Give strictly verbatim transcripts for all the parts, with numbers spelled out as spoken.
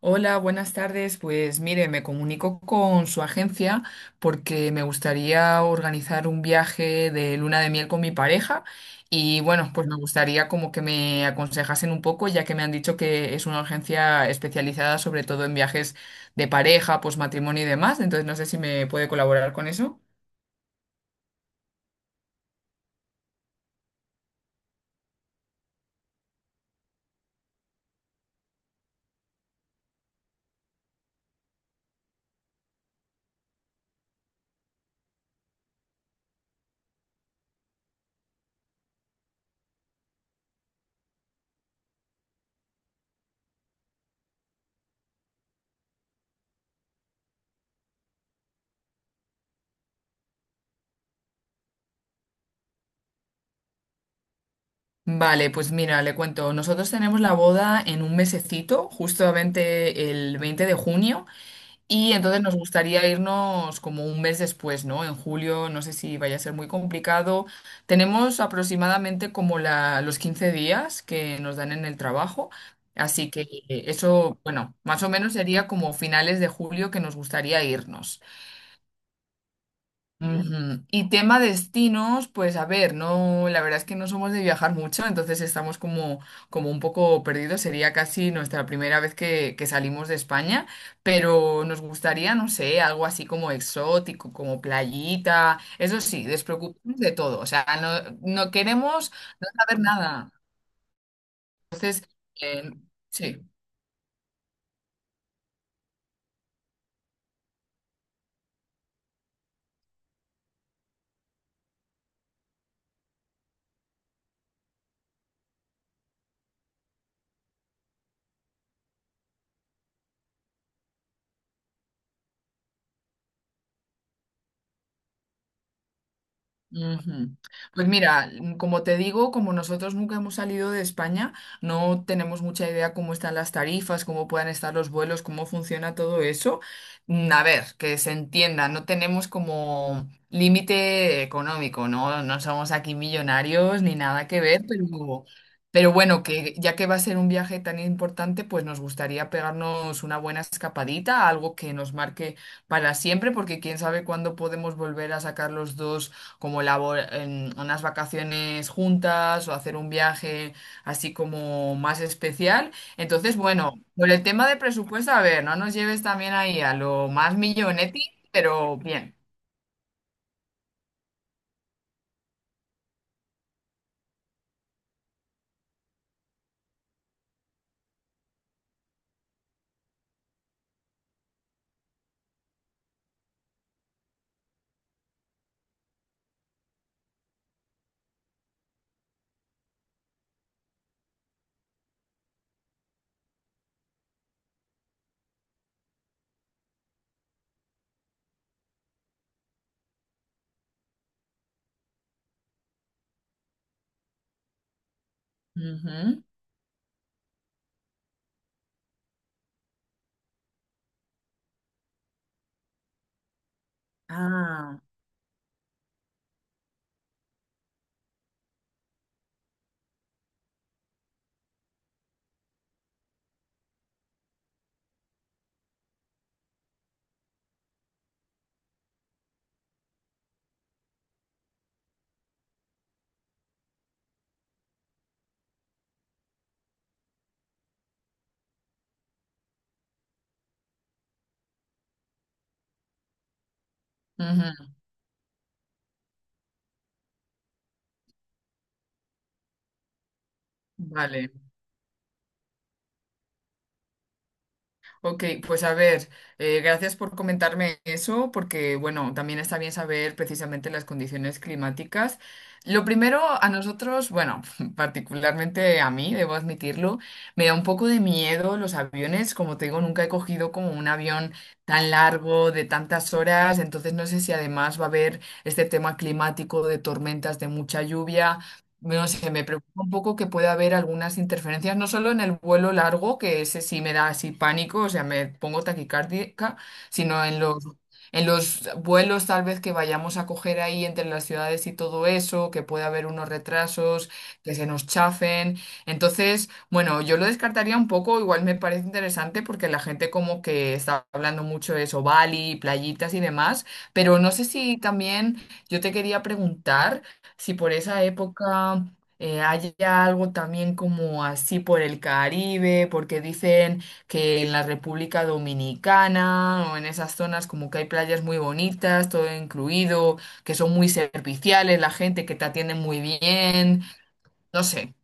Hola, buenas tardes. Pues mire, me comunico con su agencia porque me gustaría organizar un viaje de luna de miel con mi pareja y bueno, pues me gustaría como que me aconsejasen un poco, ya que me han dicho que es una agencia especializada sobre todo en viajes de pareja, pues matrimonio y demás. Entonces no sé si me puede colaborar con eso. Vale, pues mira, le cuento, nosotros tenemos la boda en un mesecito, justamente el veinte de junio. Y entonces nos gustaría irnos como un mes después, ¿no? En julio, no sé si vaya a ser muy complicado. Tenemos aproximadamente como la, los quince días que nos dan en el trabajo, así que eh, eso, bueno, más o menos sería como finales de julio que nos gustaría irnos. Ujú. Y tema destinos, pues a ver, no, la verdad es que no somos de viajar mucho, entonces estamos como, como un poco perdidos. Sería casi nuestra primera vez que, que salimos de España, pero nos gustaría, no sé, algo así como exótico, como playita. Eso sí, despreocuparnos de todo. O sea, no, no queremos no saber nada. Eh, sí. Ujú. Pues mira, mm, como te digo, como nosotros nunca hemos salido de España, no tenemos mucha idea cómo están las tarifas, cómo puedan estar los vuelos, cómo funciona todo eso. Mm, A ver, que se entienda, no tenemos como límite económico, ¿no? No somos aquí millonarios ni nada que ver, pero, pero bueno, que ya que va a ser un viaje tan importante, pues nos gustaría pegarnos una buena escapadita, algo que nos marque para siempre, porque quién sabe cuándo podemos volver a sacar los dos como labor, en unas vacaciones juntas o hacer un viaje así como más especial. Entonces, bueno, por el tema de presupuesto, a ver, no nos lleves también ahí a lo más millonetti, pero bien. Ujú. Ah, ujú. Vale. Ok, pues a ver, eh, gracias por comentarme eso, porque bueno, también está bien saber precisamente las condiciones climáticas. Lo primero, a nosotros, bueno, particularmente a mí, debo admitirlo, me da un poco de miedo los aviones. Como te digo, nunca he cogido como un avión tan largo, de tantas horas, entonces no sé si además va a haber este tema climático de tormentas, de mucha lluvia. No sé, me preocupa un poco que pueda haber algunas interferencias, no solo en el vuelo largo, que ese sí me da así pánico, o sea, me pongo taquicárdica, sino en los, en los vuelos tal vez que vayamos a coger ahí entre las ciudades y todo eso, que pueda haber unos retrasos, que se nos chafen. Entonces, bueno, yo lo descartaría un poco, igual me parece interesante porque la gente como que está hablando mucho de eso, Bali, playitas y demás, pero no sé si también yo te quería preguntar si por esa época eh, hay algo también como así por el Caribe, porque dicen que en la República Dominicana o en esas zonas como que hay playas muy bonitas, todo incluido, que son muy serviciales, la gente que te atiende muy bien, no sé.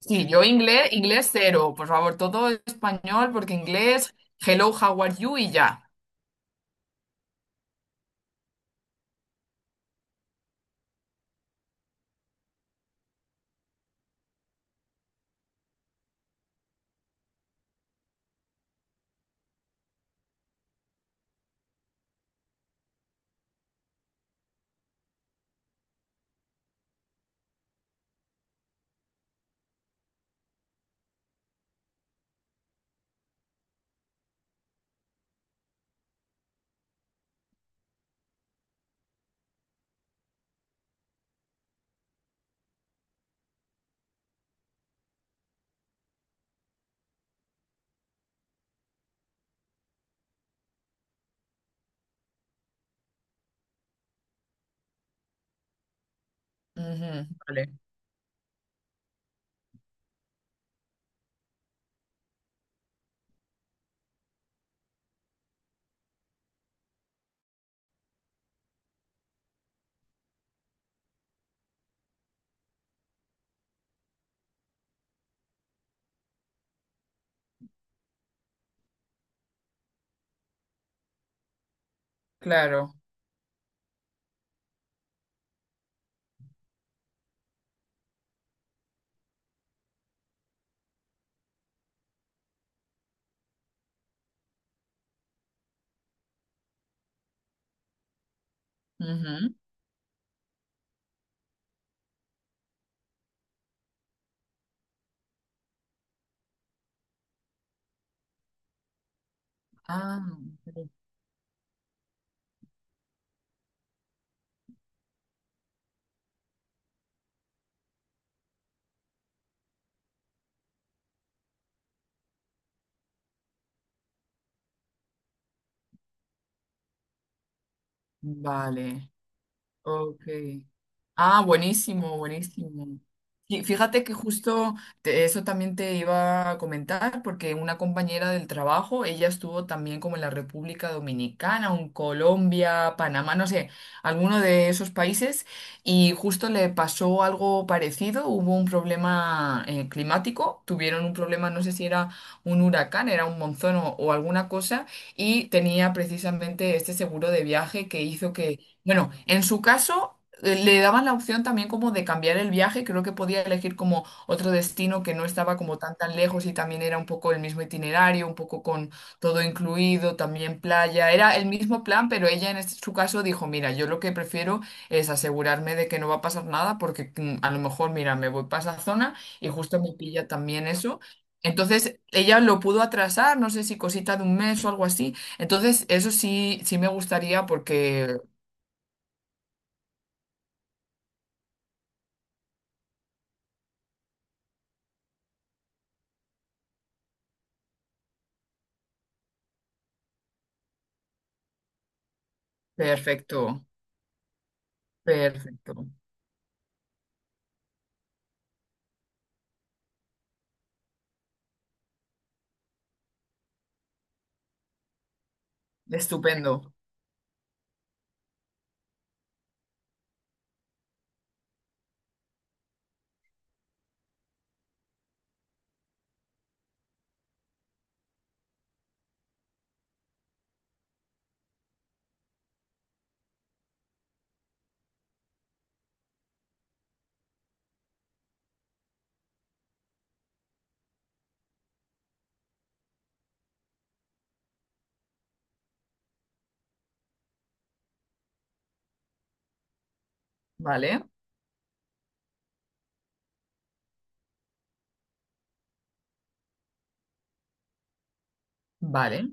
Sí, yo inglés, inglés cero, por favor, todo español, porque inglés, hello, how are you y ya. Ujú, vale, claro. Ujú. Ah, ok. Vale. Ok. Ah, buenísimo, buenísimo. Y fíjate que justo te- eso también te iba a comentar, porque una compañera del trabajo, ella estuvo también como en la República Dominicana, o en Colombia, Panamá, no sé, alguno de esos países, y justo le pasó algo parecido, hubo un problema eh, climático, tuvieron un problema, no sé si era un huracán, era un monzón o o alguna cosa, y tenía precisamente este seguro de viaje que hizo que bueno, en su caso eh, le daban la opción también como de cambiar el viaje, creo que podía elegir como otro destino que no estaba como tan tan lejos y también era un poco el mismo itinerario, un poco con todo incluido, también playa, era el mismo plan, pero ella en este- su caso dijo, mira, yo lo que prefiero es asegurarme de que no va a pasar nada porque mm, a lo mejor, mira, me voy para esa zona y justo me pilla también eso. Entonces ella lo pudo atrasar, no sé si cosita de un mes o algo así. Entonces, eso sí, sí me gustaría porque perfecto, perfecto. Estupendo. Vale, vale.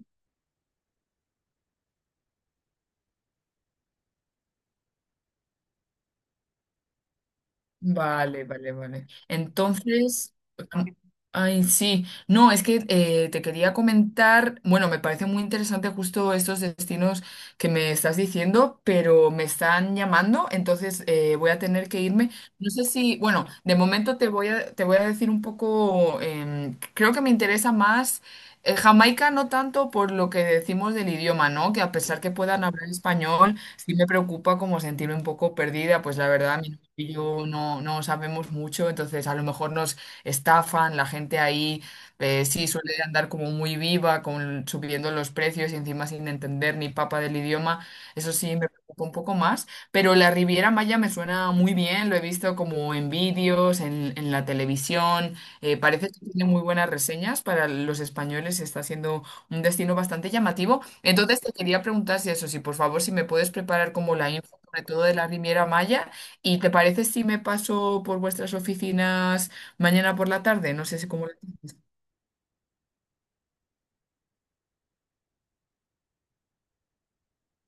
Vale, vale, vale. Entonces, am- ay, sí. No, es que eh, te quería comentar, bueno, me parece muy interesante justo estos destinos que me estás diciendo, pero me están llamando, entonces eh, voy a tener que irme. No sé si, bueno, de momento te voy a, te voy a decir un poco, em, creo que me interesa más eh, Jamaica, no tanto por lo que decimos del idioma, ¿no? Que a pesar que puedan hablar español, sí me preocupa como sentirme un poco perdida, pues la verdad y yo no, no sabemos mucho, entonces a lo mejor nos estafan, la gente ahí eh, sí suele andar como muy viva, con, subiendo los precios y encima sin entender ni papa del idioma, eso sí me preocupa un poco más, pero la Riviera Maya me suena muy bien, lo he visto como en vídeos, en, en la televisión, eh, parece que tiene muy buenas reseñas para los españoles, está siendo un destino bastante llamativo, entonces te quería preguntar si eso, si por favor si me puedes preparar como la info sobre todo de la Riviera Maya. ¿Y te parece si me paso por vuestras oficinas mañana por la tarde? No sé si cómo...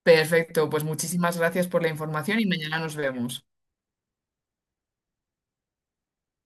Perfecto, pues muchísimas gracias por la información y mañana nos vemos.